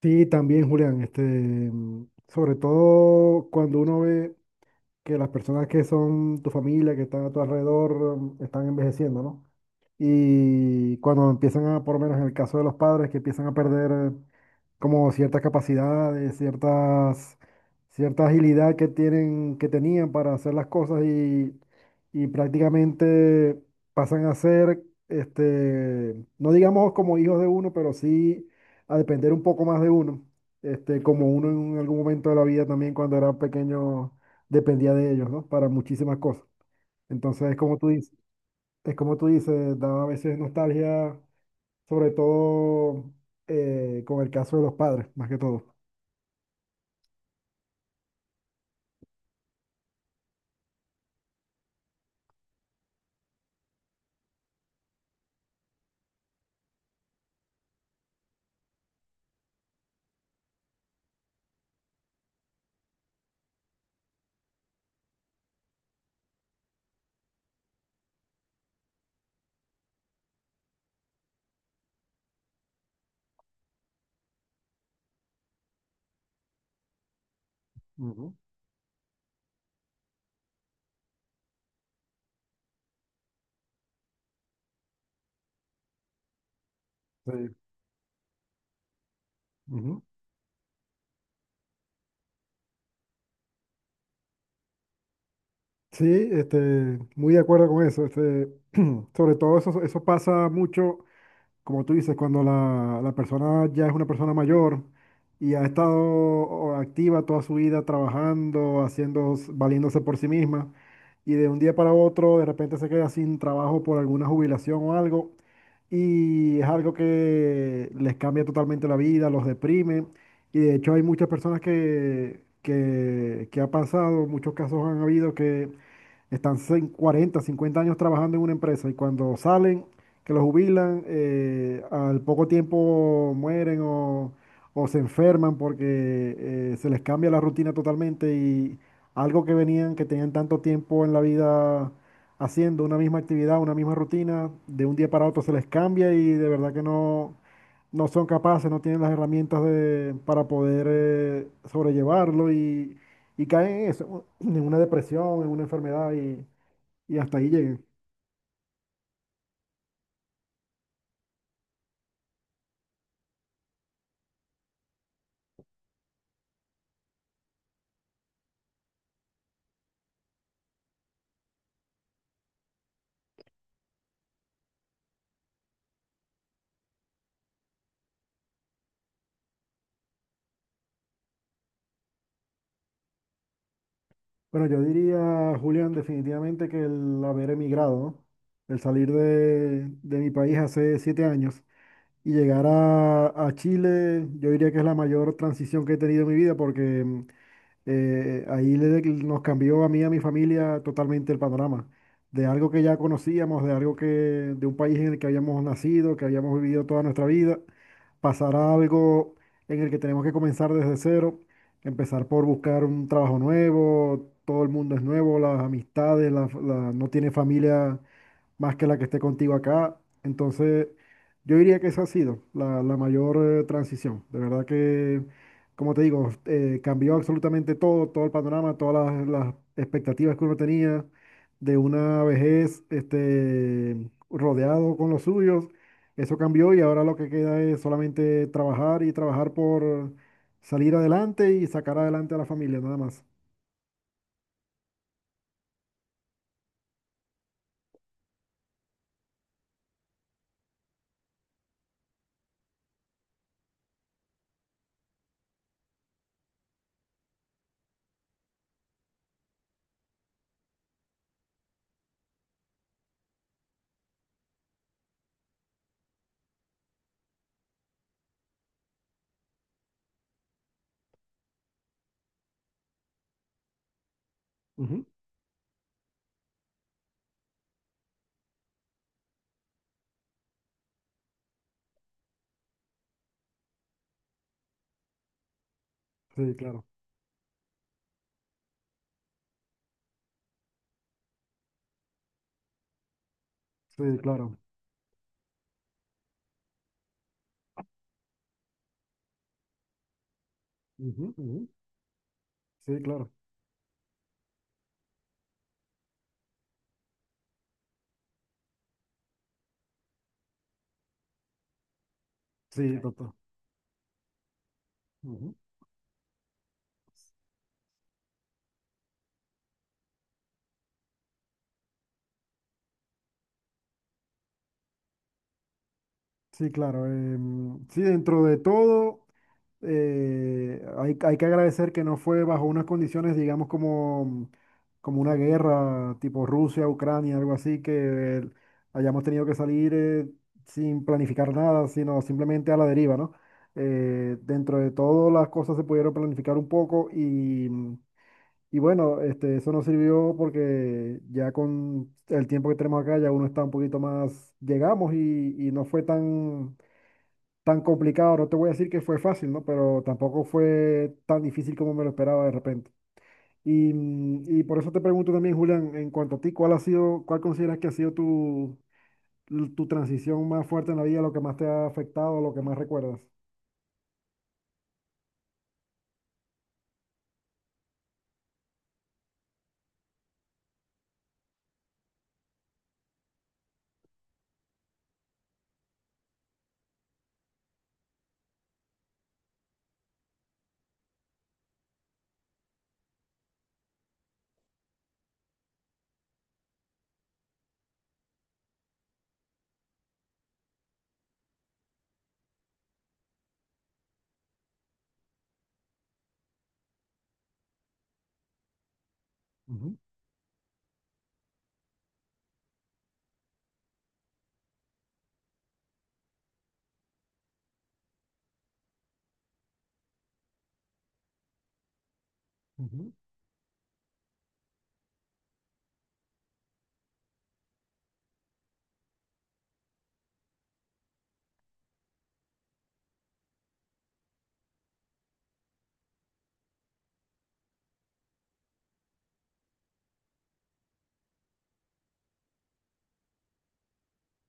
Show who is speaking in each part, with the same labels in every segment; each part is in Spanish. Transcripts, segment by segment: Speaker 1: Sí, también, Julián, sobre todo cuando uno ve que las personas que son tu familia, que están a tu alrededor, están envejeciendo, ¿no? Y cuando empiezan a, por lo menos en el caso de los padres, que empiezan a perder como ciertas capacidades, ciertas, cierta agilidad que tienen, que tenían para hacer las cosas y prácticamente pasan a ser, no digamos como hijos de uno, pero sí a depender un poco más de uno, este, como uno en algún momento de la vida también cuando era pequeño dependía de ellos, ¿no? Para muchísimas cosas. Entonces, como tú dices, es como tú dices, da a veces nostalgia, sobre todo con el caso de los padres, más que todo. Ujú. Sí, ujú. Sí, este, muy de acuerdo con eso. Este, sobre todo eso, eso pasa mucho como tú dices, cuando la persona ya es una persona mayor y ha estado o activa toda su vida trabajando, haciendo, valiéndose por sí misma, y de un día para otro de repente se queda sin trabajo por alguna jubilación o algo, y es algo que les cambia totalmente la vida, los deprime, y de hecho hay muchas personas que ha pasado, muchos casos han habido que están 40, 50 años trabajando en una empresa y cuando salen que los jubilan, al poco tiempo mueren o se enferman porque se les cambia la rutina totalmente y algo que venían, que tenían tanto tiempo en la vida haciendo una misma actividad, una misma rutina, de un día para otro se les cambia y de verdad que no, no son capaces, no tienen las herramientas de, para poder sobrellevarlo y caen en eso, en una depresión, en una enfermedad y hasta ahí lleguen. Bueno, yo diría, Julián, definitivamente que el haber emigrado, ¿no? El salir de mi país hace 7 años y llegar a Chile, yo diría que es la mayor transición que he tenido en mi vida porque ahí nos cambió a mí y a mi familia totalmente el panorama. De algo que ya conocíamos, de algo que, de un país en el que habíamos nacido, que habíamos vivido toda nuestra vida, pasar a algo en el que tenemos que comenzar desde cero, empezar por buscar un trabajo nuevo, todo el mundo es nuevo, las amistades, no tiene familia más que la que esté contigo acá. Entonces, yo diría que esa ha sido la mayor transición. De verdad que, como te digo, cambió absolutamente todo, todo el panorama, todas las expectativas que uno tenía de una vejez, este, rodeado con los suyos. Eso cambió y ahora lo que queda es solamente trabajar y trabajar por salir adelante y sacar adelante a la familia, nada más. Ujú. Sí, claro. Sí, claro. Ujú, ujú. Sí, claro. Sí, total. Ujú. Sí, claro. Sí, dentro de todo, hay que agradecer que no fue bajo unas condiciones, digamos, como como una guerra tipo Rusia, Ucrania, algo así, que hayamos tenido que salir, sin planificar nada, sino simplemente a la deriva, ¿no? Dentro de todo, las cosas se pudieron planificar un poco. Y bueno, este, eso nos sirvió porque ya con el tiempo que tenemos acá, ya uno está un poquito más, llegamos y no fue tan, tan complicado. No te voy a decir que fue fácil, ¿no? Pero tampoco fue tan difícil como me lo esperaba de repente. Y y por eso te pregunto también, Julián, en cuanto a ti, ¿cuál ha sido, cuál consideras que ha sido tu, tu transición más fuerte en la vida, lo que más te ha afectado, lo que más recuerdas? Ujú, ujú.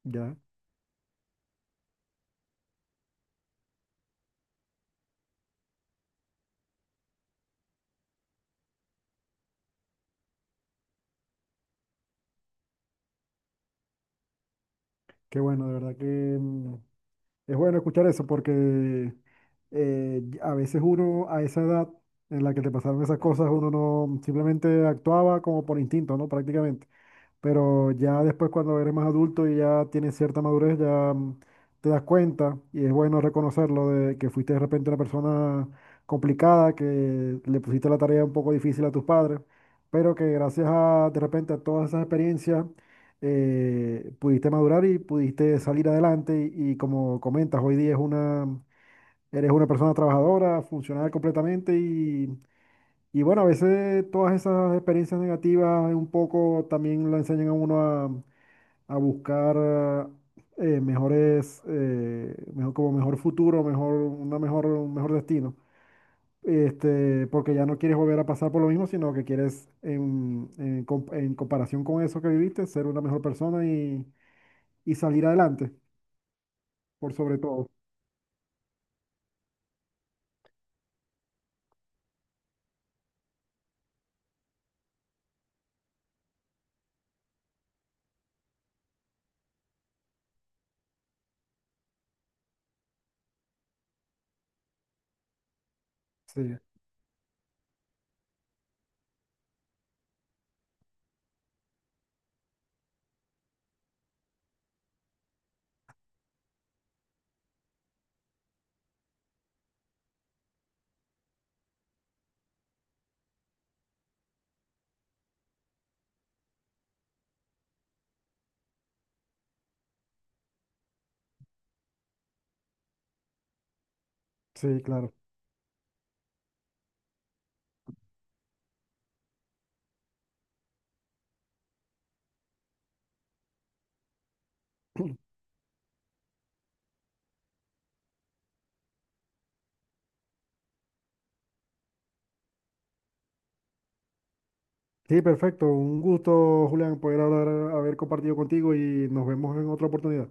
Speaker 1: Ya, qué bueno, de verdad que... mm, es bueno escuchar eso porque, a veces uno a esa edad en la que te pasaron esas cosas, uno no simplemente actuaba como por instinto, ¿no? Prácticamente. Pero ya después cuando eres más adulto y ya tienes cierta madurez, ya, te das cuenta y es bueno reconocerlo de que fuiste de repente una persona complicada, que le pusiste la tarea un poco difícil a tus padres, pero que gracias a de repente a todas esas experiencias, pudiste madurar y pudiste salir adelante y como comentas, hoy día es una, eres una persona trabajadora, funcional completamente. Y bueno, a veces todas esas experiencias negativas un poco también lo enseñan a uno a buscar mejor futuro, un mejor destino. Este, porque ya no quieres volver a pasar por lo mismo, sino que quieres, en comparación con eso que viviste, ser una mejor persona y salir adelante por sobre todo. Sí, sí, claro. Sí, perfecto. Un gusto, Julián, poder hablar, haber compartido contigo y nos vemos en otra oportunidad.